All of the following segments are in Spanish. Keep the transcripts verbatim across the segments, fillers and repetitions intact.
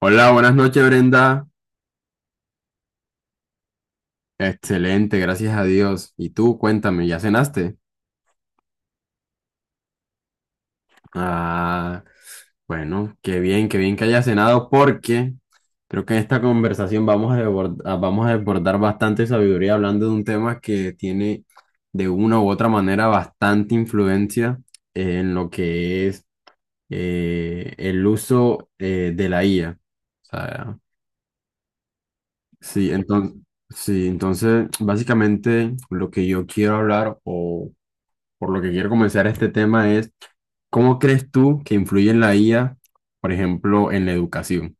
Hola, buenas noches, Brenda. Excelente, gracias a Dios. Y tú, cuéntame, ¿ya cenaste? Ah, bueno, qué bien, qué bien que hayas cenado porque creo que en esta conversación vamos a desbordar, vamos a desbordar bastante sabiduría hablando de un tema que tiene de una u otra manera bastante influencia en lo que es eh, el uso eh, de la I A. O sea, Sí, entonces, sí, entonces, básicamente lo que yo quiero hablar o por lo que quiero comenzar este tema es, ¿cómo crees tú que influye en la I A, por ejemplo, en la educación?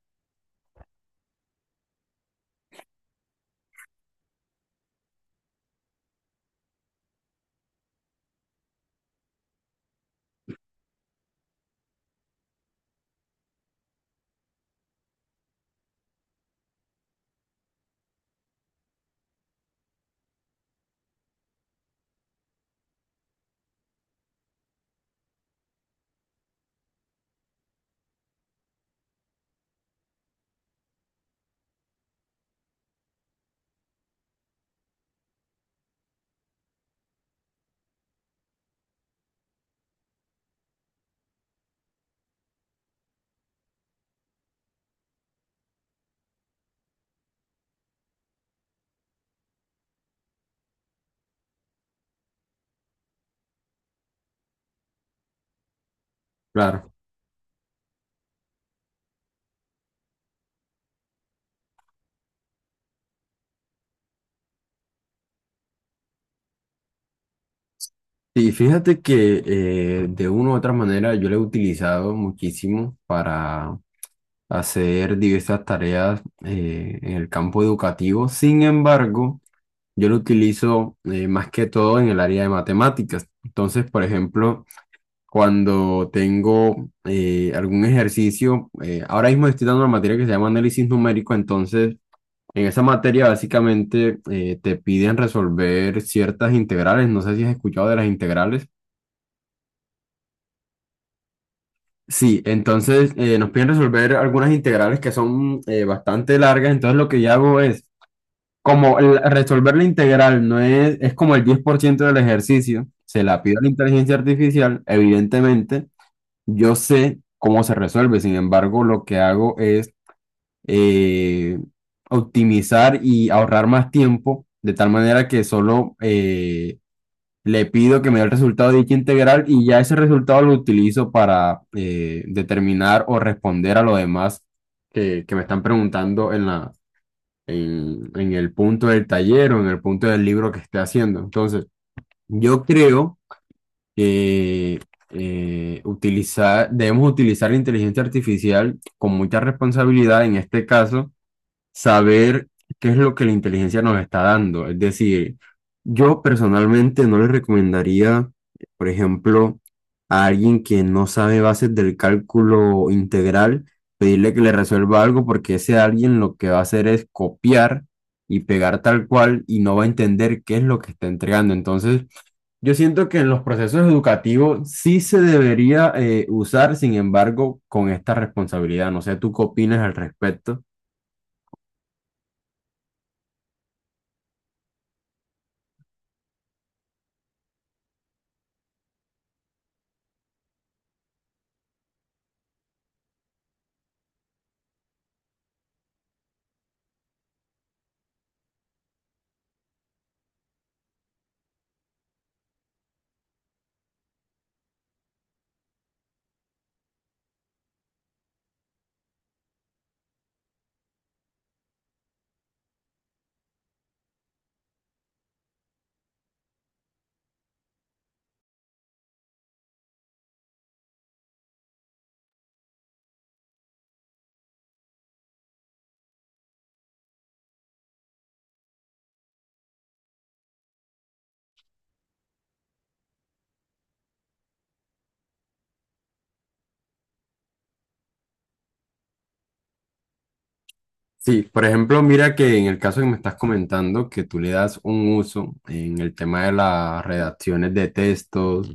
Claro. Y fíjate que eh, de una u otra manera yo la he utilizado muchísimo para hacer diversas tareas eh, en el campo educativo. Sin embargo, yo lo utilizo eh, más que todo en el área de matemáticas. Entonces, por ejemplo, cuando tengo eh, algún ejercicio. Eh, ahora mismo estoy dando una materia que se llama análisis numérico, entonces en esa materia básicamente eh, te piden resolver ciertas integrales. No sé si has escuchado de las integrales. Sí, entonces eh, nos piden resolver algunas integrales que son eh, bastante largas. Entonces lo que yo hago es, como el- resolver la integral no es, es como el diez por ciento del ejercicio, se la pido a la inteligencia artificial, evidentemente. Yo sé cómo se resuelve, sin embargo, lo que hago es eh, optimizar y ahorrar más tiempo, de tal manera que solo eh, le pido que me dé el resultado de dicha integral y ya ese resultado lo utilizo para eh, determinar o responder a lo demás que, que me están preguntando en la, en, en el punto del taller o en el punto del libro que esté haciendo. Entonces, yo creo que eh, utilizar, debemos utilizar la inteligencia artificial con mucha responsabilidad, en este caso, saber qué es lo que la inteligencia nos está dando. Es decir, yo personalmente no le recomendaría, por ejemplo, a alguien que no sabe bases del cálculo integral, pedirle que le resuelva algo porque ese alguien lo que va a hacer es copiar y pegar tal cual y no va a entender qué es lo que está entregando. Entonces, yo siento que en los procesos educativos sí se debería eh, usar, sin embargo, con esta responsabilidad. No sé, ¿tú qué opinas al respecto? Sí, por ejemplo, mira que en el caso que me estás comentando, que tú le das un uso en el tema de las redacciones de textos,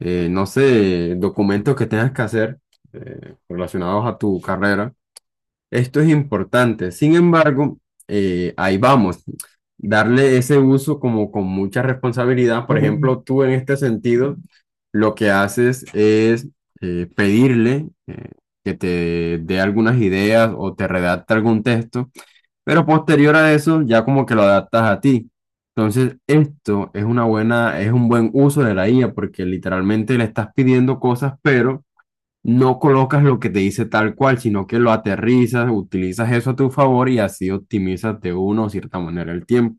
eh, no sé, documentos que tengas que hacer eh, relacionados a tu carrera. Esto es importante. Sin embargo, eh, ahí vamos. Darle ese uso como con mucha responsabilidad. Por ejemplo, tú en este sentido, lo que haces es eh, pedirle eh, que te dé algunas ideas o te redacte algún texto, pero posterior a eso ya como que lo adaptas a ti. Entonces, esto es una buena, es un buen uso de la I A porque literalmente le estás pidiendo cosas, pero no colocas lo que te dice tal cual, sino que lo aterrizas, utilizas eso a tu favor y así optimizas de una o cierta manera el tiempo.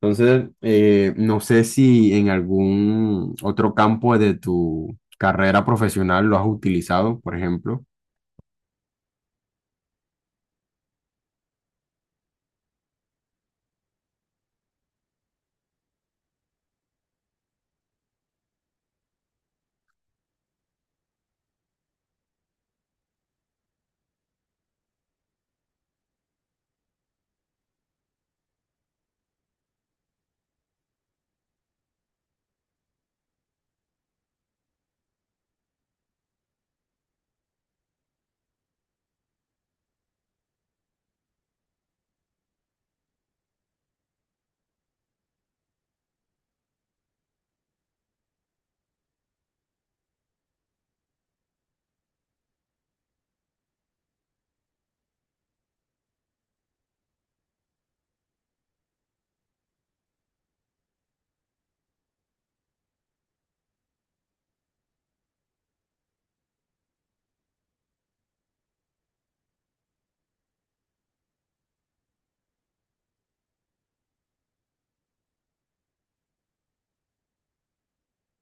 Entonces, eh, no sé si en algún otro campo de tu carrera profesional lo has utilizado, por ejemplo.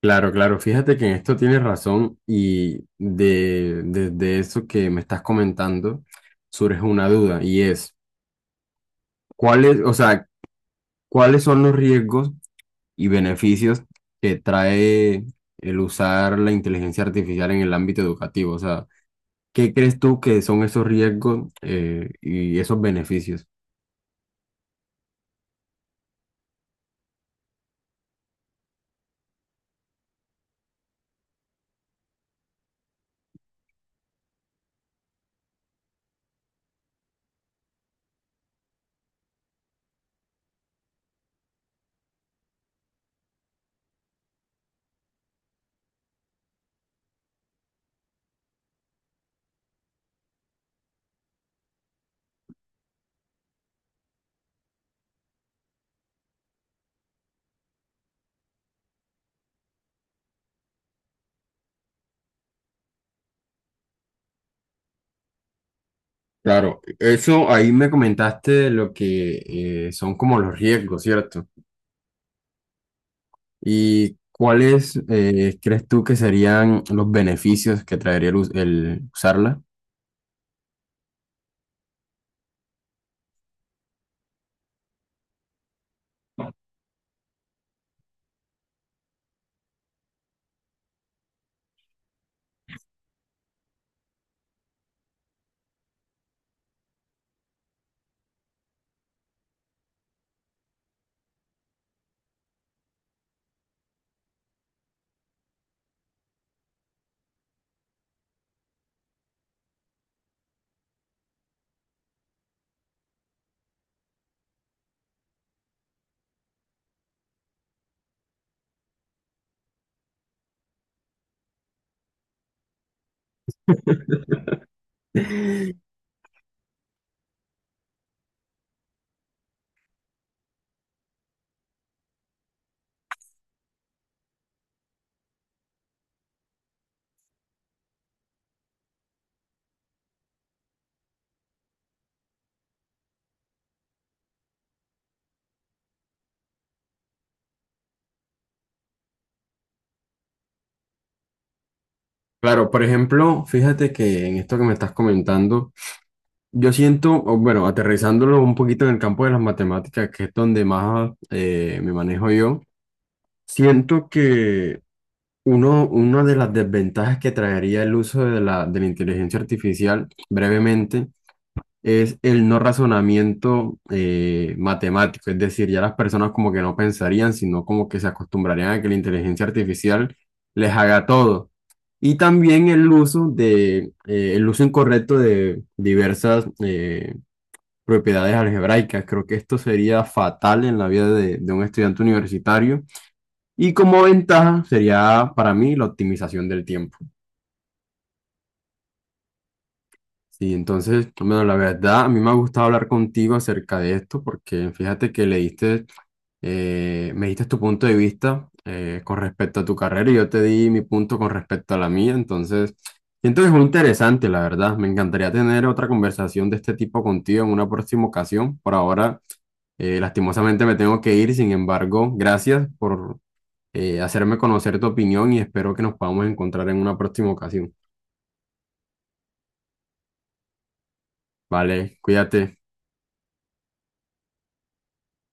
Claro, claro, fíjate que en esto tienes razón y de, desde eso que me estás comentando surge una duda y es, ¿cuáles, o sea, cuáles son los riesgos y beneficios que trae el usar la inteligencia artificial en el ámbito educativo? O sea, ¿qué crees tú que son esos riesgos eh, y esos beneficios? Claro, eso ahí me comentaste lo que eh, son como los riesgos, ¿cierto? ¿Y cuáles eh, crees tú que serían los beneficios que traería el, us- el usarla? Claro, por ejemplo, fíjate que en esto que me estás comentando. Yo siento, o bueno, aterrizándolo un poquito en el campo de las matemáticas, que es donde más eh, me manejo yo, siento que uno, una de las desventajas que traería el uso de la, de la inteligencia artificial, brevemente, es el no razonamiento eh, matemático. Es decir, ya las personas como que no pensarían, sino como que se acostumbrarían a que la inteligencia artificial les haga todo. Y también el uso de, eh, el uso incorrecto de diversas, eh, propiedades algebraicas. Creo que esto sería fatal en la vida de, de un estudiante universitario y como ventaja sería para mí la optimización del tiempo. Y entonces, bueno, la verdad, a mí me ha gustado hablar contigo acerca de esto porque fíjate que le diste Eh, me diste tu punto de vista eh, con respecto a tu carrera y yo te di mi punto con respecto a la mía. Entonces, siento que es muy interesante, la verdad. Me encantaría tener otra conversación de este tipo contigo en una próxima ocasión. Por ahora, eh, lastimosamente me tengo que ir. Sin embargo, gracias por eh, hacerme conocer tu opinión y espero que nos podamos encontrar en una próxima ocasión. Vale, cuídate.